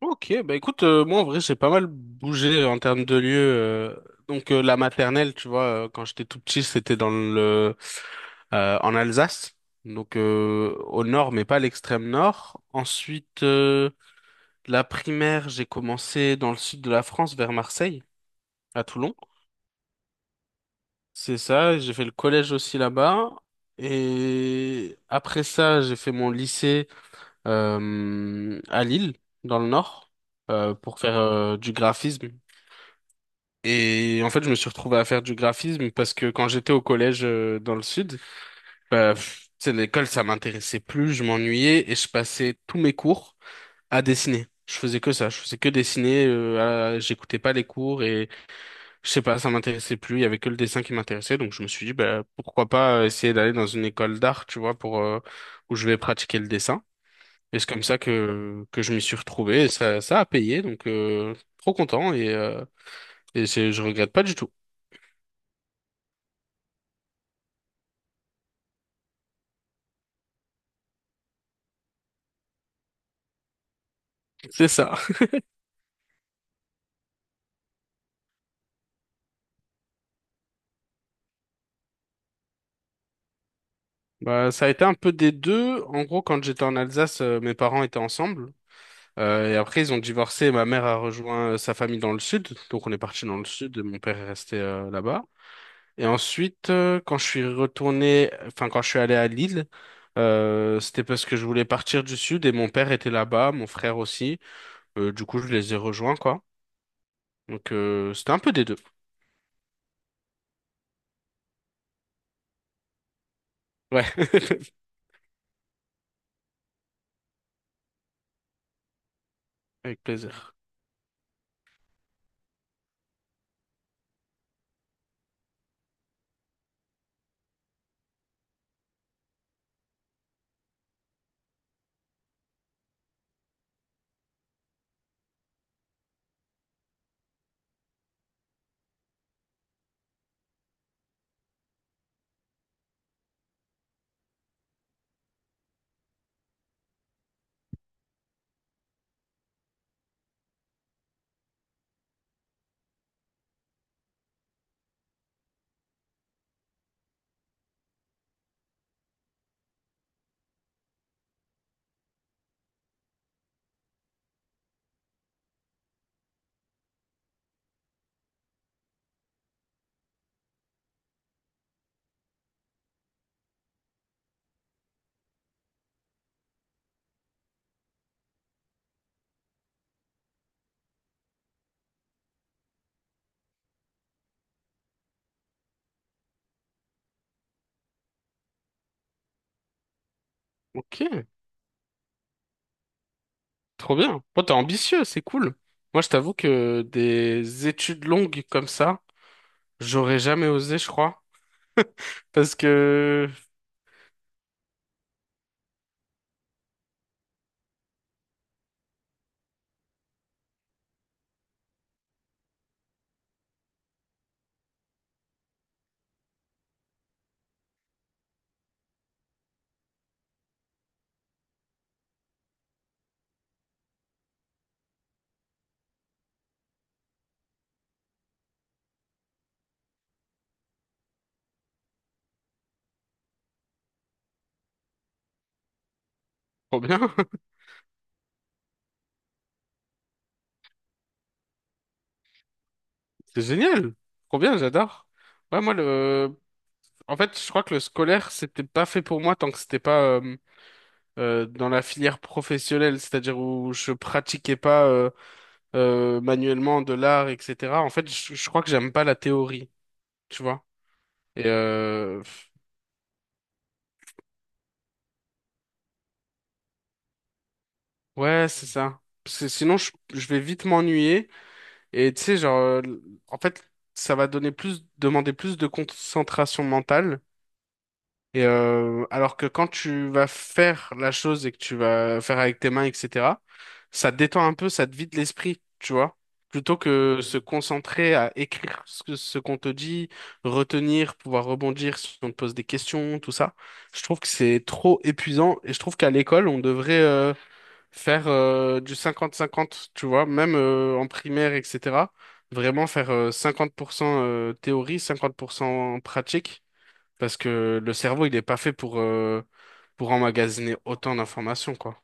Ok, bah écoute, moi en vrai j'ai pas mal bougé en termes de lieu. Donc la maternelle, tu vois, quand j'étais tout petit, c'était dans le en Alsace, donc au nord, mais pas à l'extrême nord. Ensuite, la primaire, j'ai commencé dans le sud de la France, vers Marseille, à Toulon. C'est ça, j'ai fait le collège aussi là-bas. Et après ça, j'ai fait mon lycée à Lille, dans le nord, pour faire du graphisme. Et en fait, je me suis retrouvé à faire du graphisme parce que quand j'étais au collège dans le sud, bah, pff, tu sais, l'école, ça m'intéressait plus, je m'ennuyais et je passais tous mes cours à dessiner. Je faisais que ça, je faisais que dessiner, j'écoutais pas les cours et je sais pas, ça m'intéressait plus, il y avait que le dessin qui m'intéressait, donc je me suis dit, bah, pourquoi pas essayer d'aller dans une école d'art, tu vois, pour, où je vais pratiquer le dessin. Et c'est comme ça que je m'y suis retrouvé et ça a payé, donc trop content et, je regrette pas du tout. C'est ça. Bah, ça a été un peu des deux. En gros, quand j'étais en Alsace, mes parents étaient ensemble. Et après, ils ont divorcé. Ma mère a rejoint sa famille dans le sud. Donc, on est parti dans le sud et mon père est resté là-bas. Et ensuite, quand je suis retourné, enfin, quand je suis allé à Lille, c'était parce que je voulais partir du sud et mon père était là-bas, mon frère aussi. Du coup, je les ai rejoints, quoi. Donc, c'était un peu des deux. Ouais, avec plaisir. Ok. Trop bien. Bon, t'es ambitieux, c'est cool. Moi, je t'avoue que des études longues comme ça, j'aurais jamais osé, je crois. Parce que, trop bien. C'est génial. Trop bien, j'adore. Ouais, moi, le, en fait, je crois que le scolaire, c'était pas fait pour moi tant que c'était pas, dans la filière professionnelle, c'est-à-dire où je pratiquais pas, manuellement de l'art, etc. En fait, je crois que j'aime pas la théorie, tu vois. Et, ouais, c'est ça. Parce que sinon, je vais vite m'ennuyer. Et tu sais, genre, en fait, ça va donner plus, demander plus de concentration mentale. Et alors que quand tu vas faire la chose et que tu vas faire avec tes mains, etc., ça te détend un peu, ça te vide l'esprit, tu vois. Plutôt que se concentrer à écrire ce qu'on te dit, retenir, pouvoir rebondir si on te pose des questions, tout ça. Je trouve que c'est trop épuisant et je trouve qu'à l'école, on devrait, faire du 50-50, tu vois, même en primaire, etc. Vraiment faire 50% théorie, 50% pratique, parce que le cerveau, il n'est pas fait pour emmagasiner autant d'informations, quoi.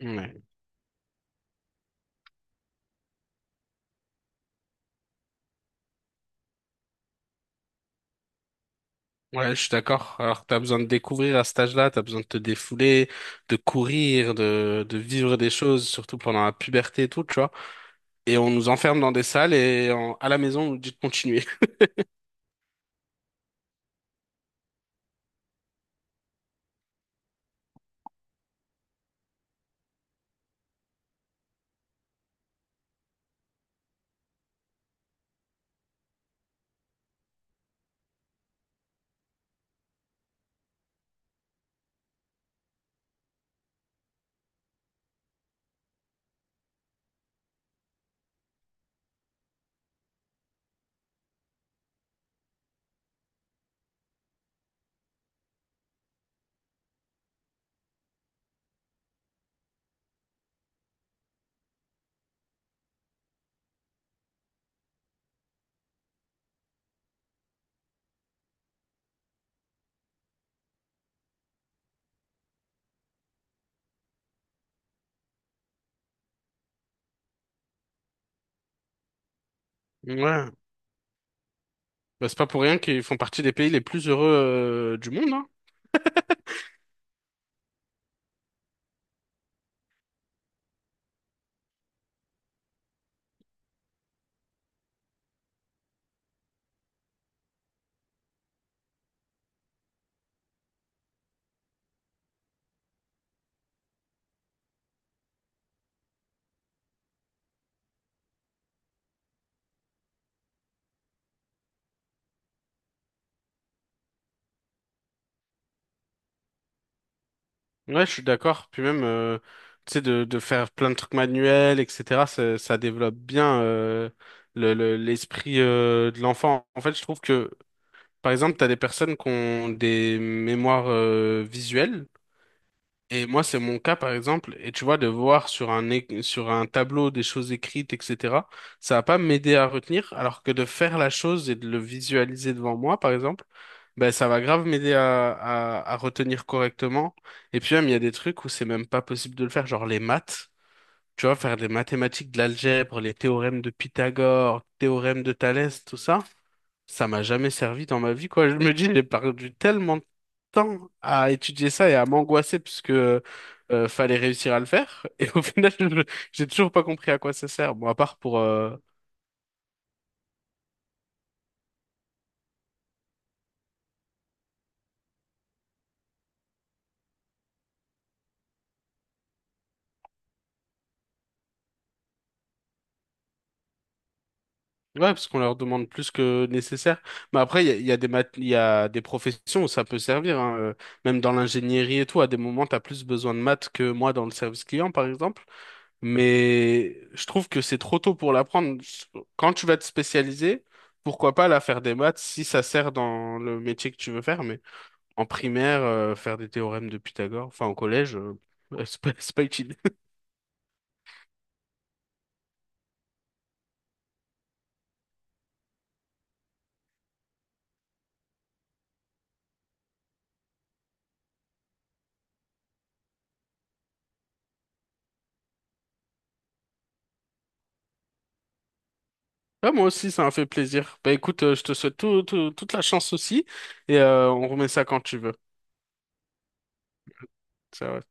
Ouais. Ouais, je suis d'accord. Alors, tu as besoin de découvrir à cet âge-là, tu as besoin de te défouler, de courir, de vivre des choses, surtout pendant la puberté et tout, tu vois. Et on nous enferme dans des salles à la maison, on nous dit de continuer. Ouais. Bah, c'est pas pour rien qu'ils font partie des pays les plus heureux du monde, hein. Ouais, je suis d'accord. Puis même, tu sais, de faire plein de trucs manuels, etc., ça, ça développe bien l'esprit de l'enfant. En fait, je trouve que, par exemple, t'as des personnes qui ont des mémoires visuelles. Et moi, c'est mon cas, par exemple. Et tu vois, de voir sur sur un tableau des choses écrites, etc., ça va pas m'aider à retenir, alors que de faire la chose et de le visualiser devant moi, par exemple, ben, ça va grave m'aider à retenir correctement. Et puis même, il y a des trucs où c'est même pas possible de le faire, genre les maths. Tu vois, faire des mathématiques, de l'algèbre, les théorèmes de Pythagore, théorème de Thalès, tout ça ça m'a jamais servi dans ma vie, quoi. Je me dis, j'ai perdu tellement de temps à étudier ça et à m'angoisser parce que fallait réussir à le faire. Et au final, je- j'ai toujours pas compris à quoi ça sert. Bon, à part pour... Ouais, parce qu'on leur demande plus que nécessaire. Mais après, il y a des professions où ça peut servir, hein. Même dans l'ingénierie et tout, à des moments, t'as plus besoin de maths que moi dans le service client, par exemple. Mais je trouve que c'est trop tôt pour l'apprendre. Quand tu vas te spécialiser, pourquoi pas la faire des maths si ça sert dans le métier que tu veux faire. Mais en primaire, faire des théorèmes de Pythagore, enfin au collège, c'est pas utile. Ah, moi aussi, ça m'a fait plaisir. Bah écoute, je te souhaite toute la chance aussi et on remet ça quand tu veux. Ça ouais.